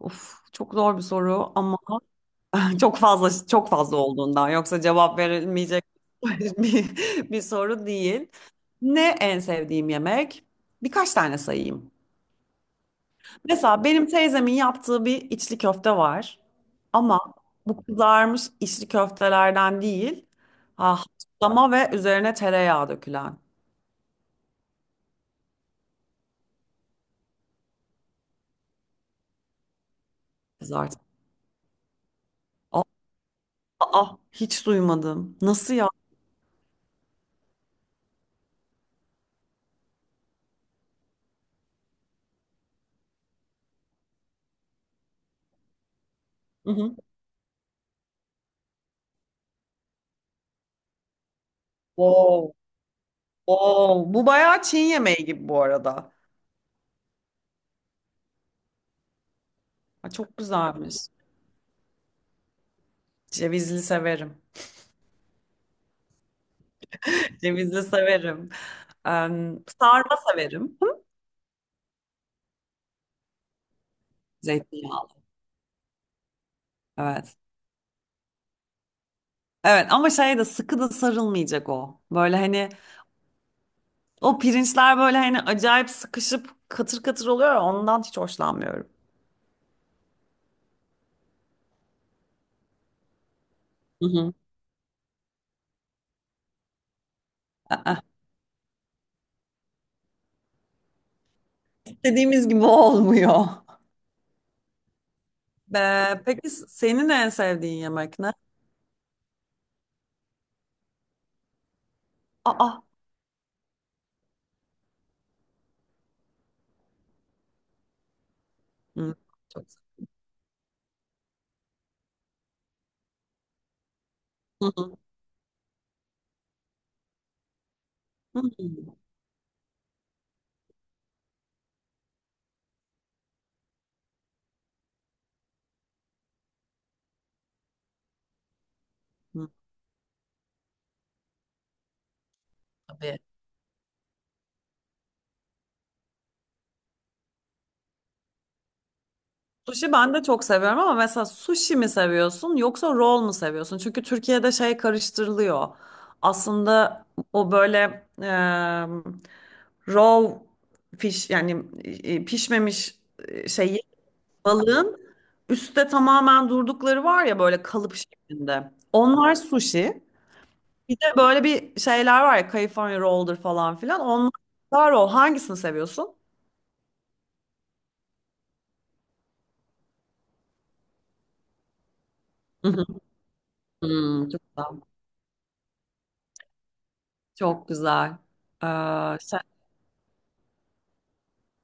Of, çok zor bir soru ama çok fazla çok fazla olduğundan yoksa cevap verilmeyecek bir, bir soru değil. Ne en sevdiğim yemek? Birkaç tane sayayım. Mesela benim teyzemin yaptığı bir içli köfte var. Ama bu kızarmış içli köftelerden değil. Ah, haşlama ve üzerine tereyağı dökülen kızart. Aa, aa, hiç duymadım. Nasıl ya? Hı hı. Wow. Wow. Bu bayağı Çin yemeği gibi bu arada. Aa, çok güzelmiş. Cevizli severim. Cevizli severim. Sarma severim. Zeytinyağlı. Evet. Evet ama şey de sıkı da sarılmayacak o. Böyle hani o pirinçler böyle hani acayip sıkışıp katır katır oluyor ya, ondan hiç hoşlanmıyorum. Hı hı. Aa. İstediğimiz gibi olmuyor. Peki senin en sevdiğin yemek ne? Aa. Hı. Çok. Hı hı. Hı hı. Hı. Tabii. Sushi ben de çok seviyorum ama mesela sushi mi seviyorsun yoksa roll mu seviyorsun? Çünkü Türkiye'de şey karıştırılıyor. Aslında o böyle e, raw fish, yani pişmemiş şey balığın üstte tamamen durdukları var ya böyle kalıp şeklinde. Onlar sushi. Bir de böyle bir şeyler var ya, California roll'dur falan filan. Onlar roll. Hangisini seviyorsun? Hmm, çok güzel. Çok güzel.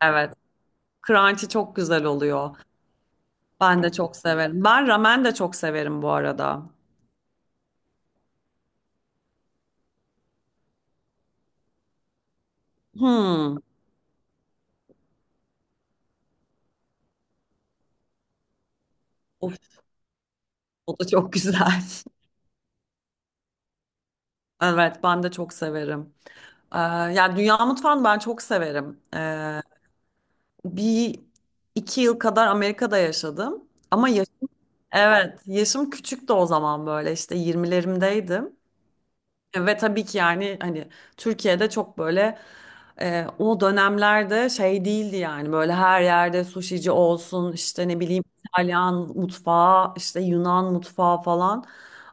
Evet. Crunchy çok güzel oluyor. Ben de çok severim. Ben ramen de çok severim bu arada. Hmm. Of, o da çok güzel. Evet, ben de çok severim. Yani dünya mutfağını ben çok severim. Bir iki yıl kadar Amerika'da yaşadım. Ama evet, yaşım küçüktü o zaman, böyle işte 20'lerimdeydim. Ve tabii ki yani hani Türkiye'de çok böyle. O dönemlerde şey değildi yani, böyle her yerde suşici olsun, işte ne bileyim İtalyan mutfağı, işte Yunan mutfağı falan.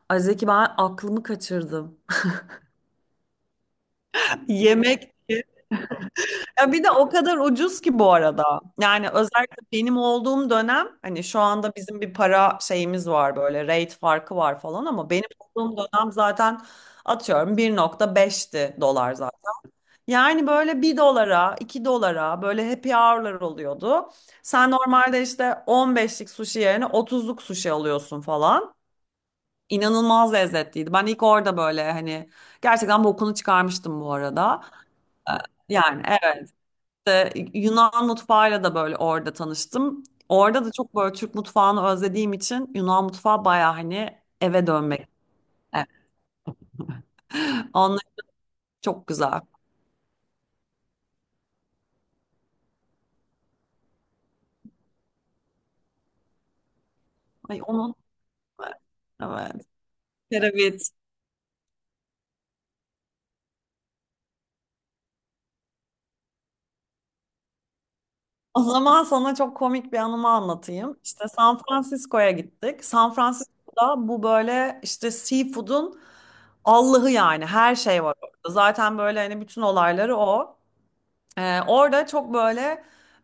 Ay, Zeki, ben aklımı kaçırdım. Yemek. Ya bir de o kadar ucuz ki bu arada. Yani özellikle benim olduğum dönem, hani şu anda bizim bir para şeyimiz var, böyle rate farkı var falan, ama benim olduğum dönem zaten atıyorum 1,5'ti dolar zaten. Yani böyle bir dolara, 2 dolara böyle happy hour'lar oluyordu. Sen normalde işte 15'lik sushi yerine 30'luk sushi alıyorsun falan. İnanılmaz lezzetliydi. Ben ilk orada böyle hani gerçekten bokunu çıkarmıştım bu arada. Ee, Yani evet, Yunan mutfağıyla da böyle orada tanıştım. Orada da çok böyle Türk mutfağını özlediğim için Yunan mutfağı baya hani eve dönmek. Evet. Onlar çok güzel. Ay onun evet. Evet. Kereviz. O zaman sana çok komik bir anımı anlatayım. İşte San Francisco'ya gittik. San Francisco'da bu böyle işte seafood'un Allah'ı, yani her şey var orada. Zaten böyle hani bütün olayları o. Orada çok böyle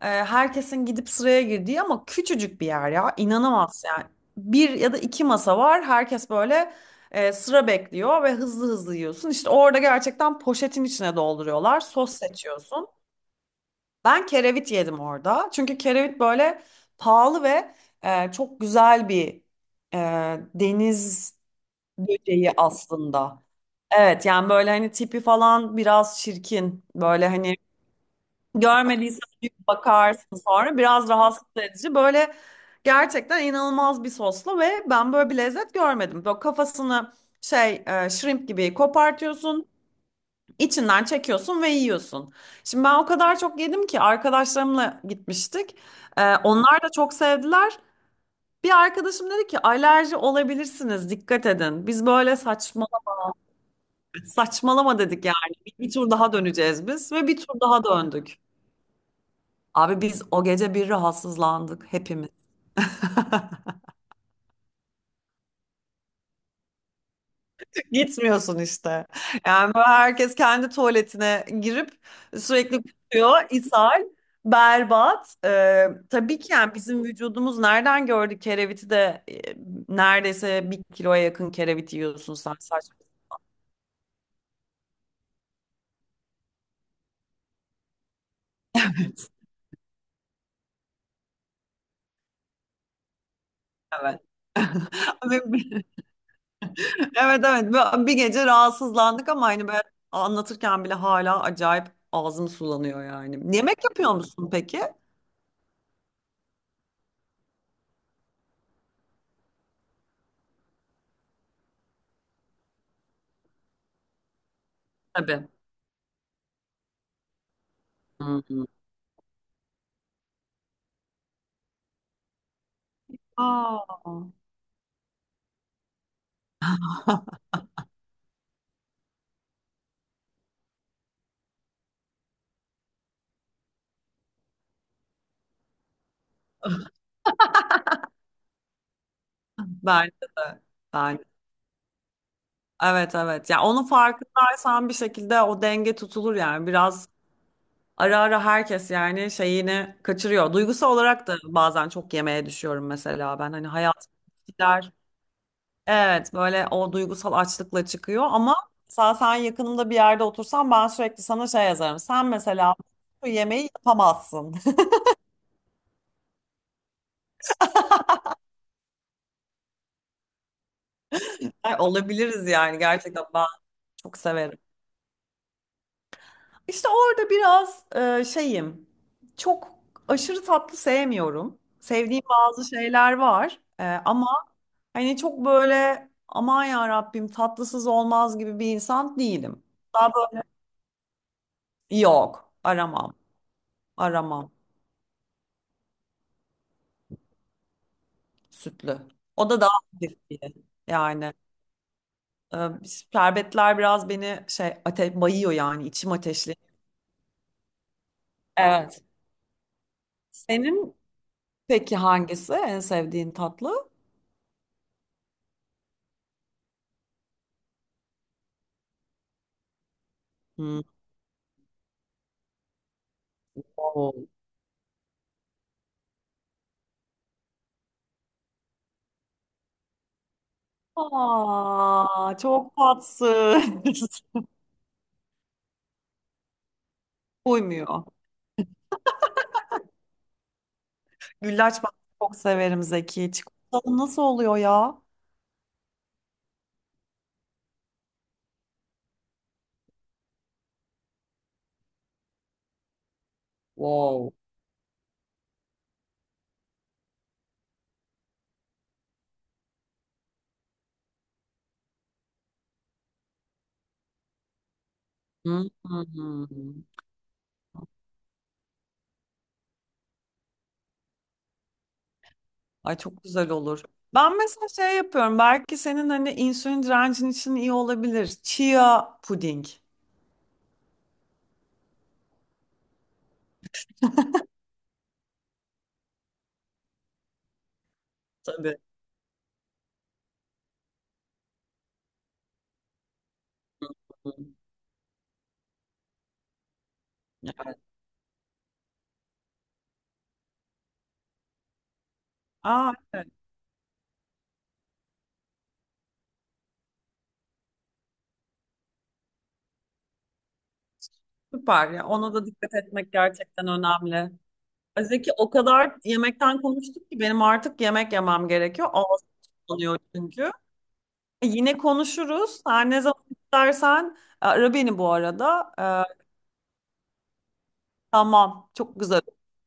herkesin gidip sıraya girdiği ama küçücük bir yer ya. İnanamaz yani. Bir ya da iki masa var. Herkes böyle sıra bekliyor ve hızlı hızlı yiyorsun. İşte orada gerçekten poşetin içine dolduruyorlar. Sos seçiyorsun. Ben kerevit yedim orada. Çünkü kerevit böyle pahalı ve çok güzel bir e, deniz böceği aslında. Evet, yani böyle hani tipi falan biraz çirkin. Böyle hani görmediysen bir bakarsın, sonra biraz rahatsız edici. Böyle gerçekten inanılmaz bir soslu, ve ben böyle bir lezzet görmedim. Böyle kafasını şey, shrimp gibi kopartıyorsun. İçinden çekiyorsun ve yiyorsun. Şimdi ben o kadar çok yedim ki, arkadaşlarımla gitmiştik. Onlar da çok sevdiler. Bir arkadaşım dedi ki, alerji olabilirsiniz, dikkat edin. Biz böyle saçma saçmalama dedik yani. Bir tur daha döneceğiz biz, ve bir tur daha döndük. Abi biz o gece bir rahatsızlandık hepimiz. Gitmiyorsun işte. Yani böyle herkes kendi tuvaletine girip sürekli kusuyor, ishal, berbat. Tabii ki yani bizim vücudumuz nereden gördü kereviti de, neredeyse bir kiloya yakın kerevit yiyorsun sen, saçma. Evet. Evet. Ve evet, evet. Böyle bir gece rahatsızlandık, ama hani ben anlatırken bile hala acayip ağzım sulanıyor yani. Yemek yapıyor musun peki? Tabii. Hı hı. Aa. Bence de. Bence. Evet, evet. Ya onun farkındaysan bir şekilde o denge tutulur yani. Biraz ara ara herkes yani şeyini kaçırıyor. Duygusal olarak da bazen çok yemeğe düşüyorum mesela ben. Hani hayat gider. Evet, böyle o duygusal açlıkla çıkıyor, ama mesela sen yakınımda bir yerde otursan ben sürekli sana şey yazarım. Sen mesela bu yemeği yapamazsın. Ay, olabiliriz yani, gerçekten ben çok severim. İşte orada biraz şeyim. Çok aşırı tatlı sevmiyorum. Sevdiğim bazı şeyler var. Ama hani çok böyle aman ya Rabbim tatlısız olmaz gibi bir insan değilim. Daha böyle yok, aramam. Aramam, sütlü. O da daha hafif diye. Yani e, şerbetler biraz beni şey ate bayıyor, yani içim ateşli. Evet. Senin peki hangisi en sevdiğin tatlı? Hmm. Aa, çok tatsız. Uymuyor. Güllaç ben çok severim Zeki. Çikolatalı nasıl oluyor ya? Wow. Hı hı hı. Ay, çok güzel olur. Ben mesela şey yapıyorum. Belki senin hani insülin direncin için iyi olabilir. Chia puding. Tabii. Hı hı. Evet. Aa, evet. Süper ya. Ona da dikkat etmek gerçekten önemli. Ay, Zeki, o kadar yemekten konuştuk ki benim artık yemek yemem gerekiyor. Ağzım sulanıyor çünkü. Yine konuşuruz. Her ne zaman istersen Ara beni bu arada. Tamam, çok güzel.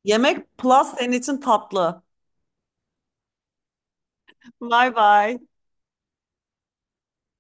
Yemek plus senin için tatlı. Bye bye.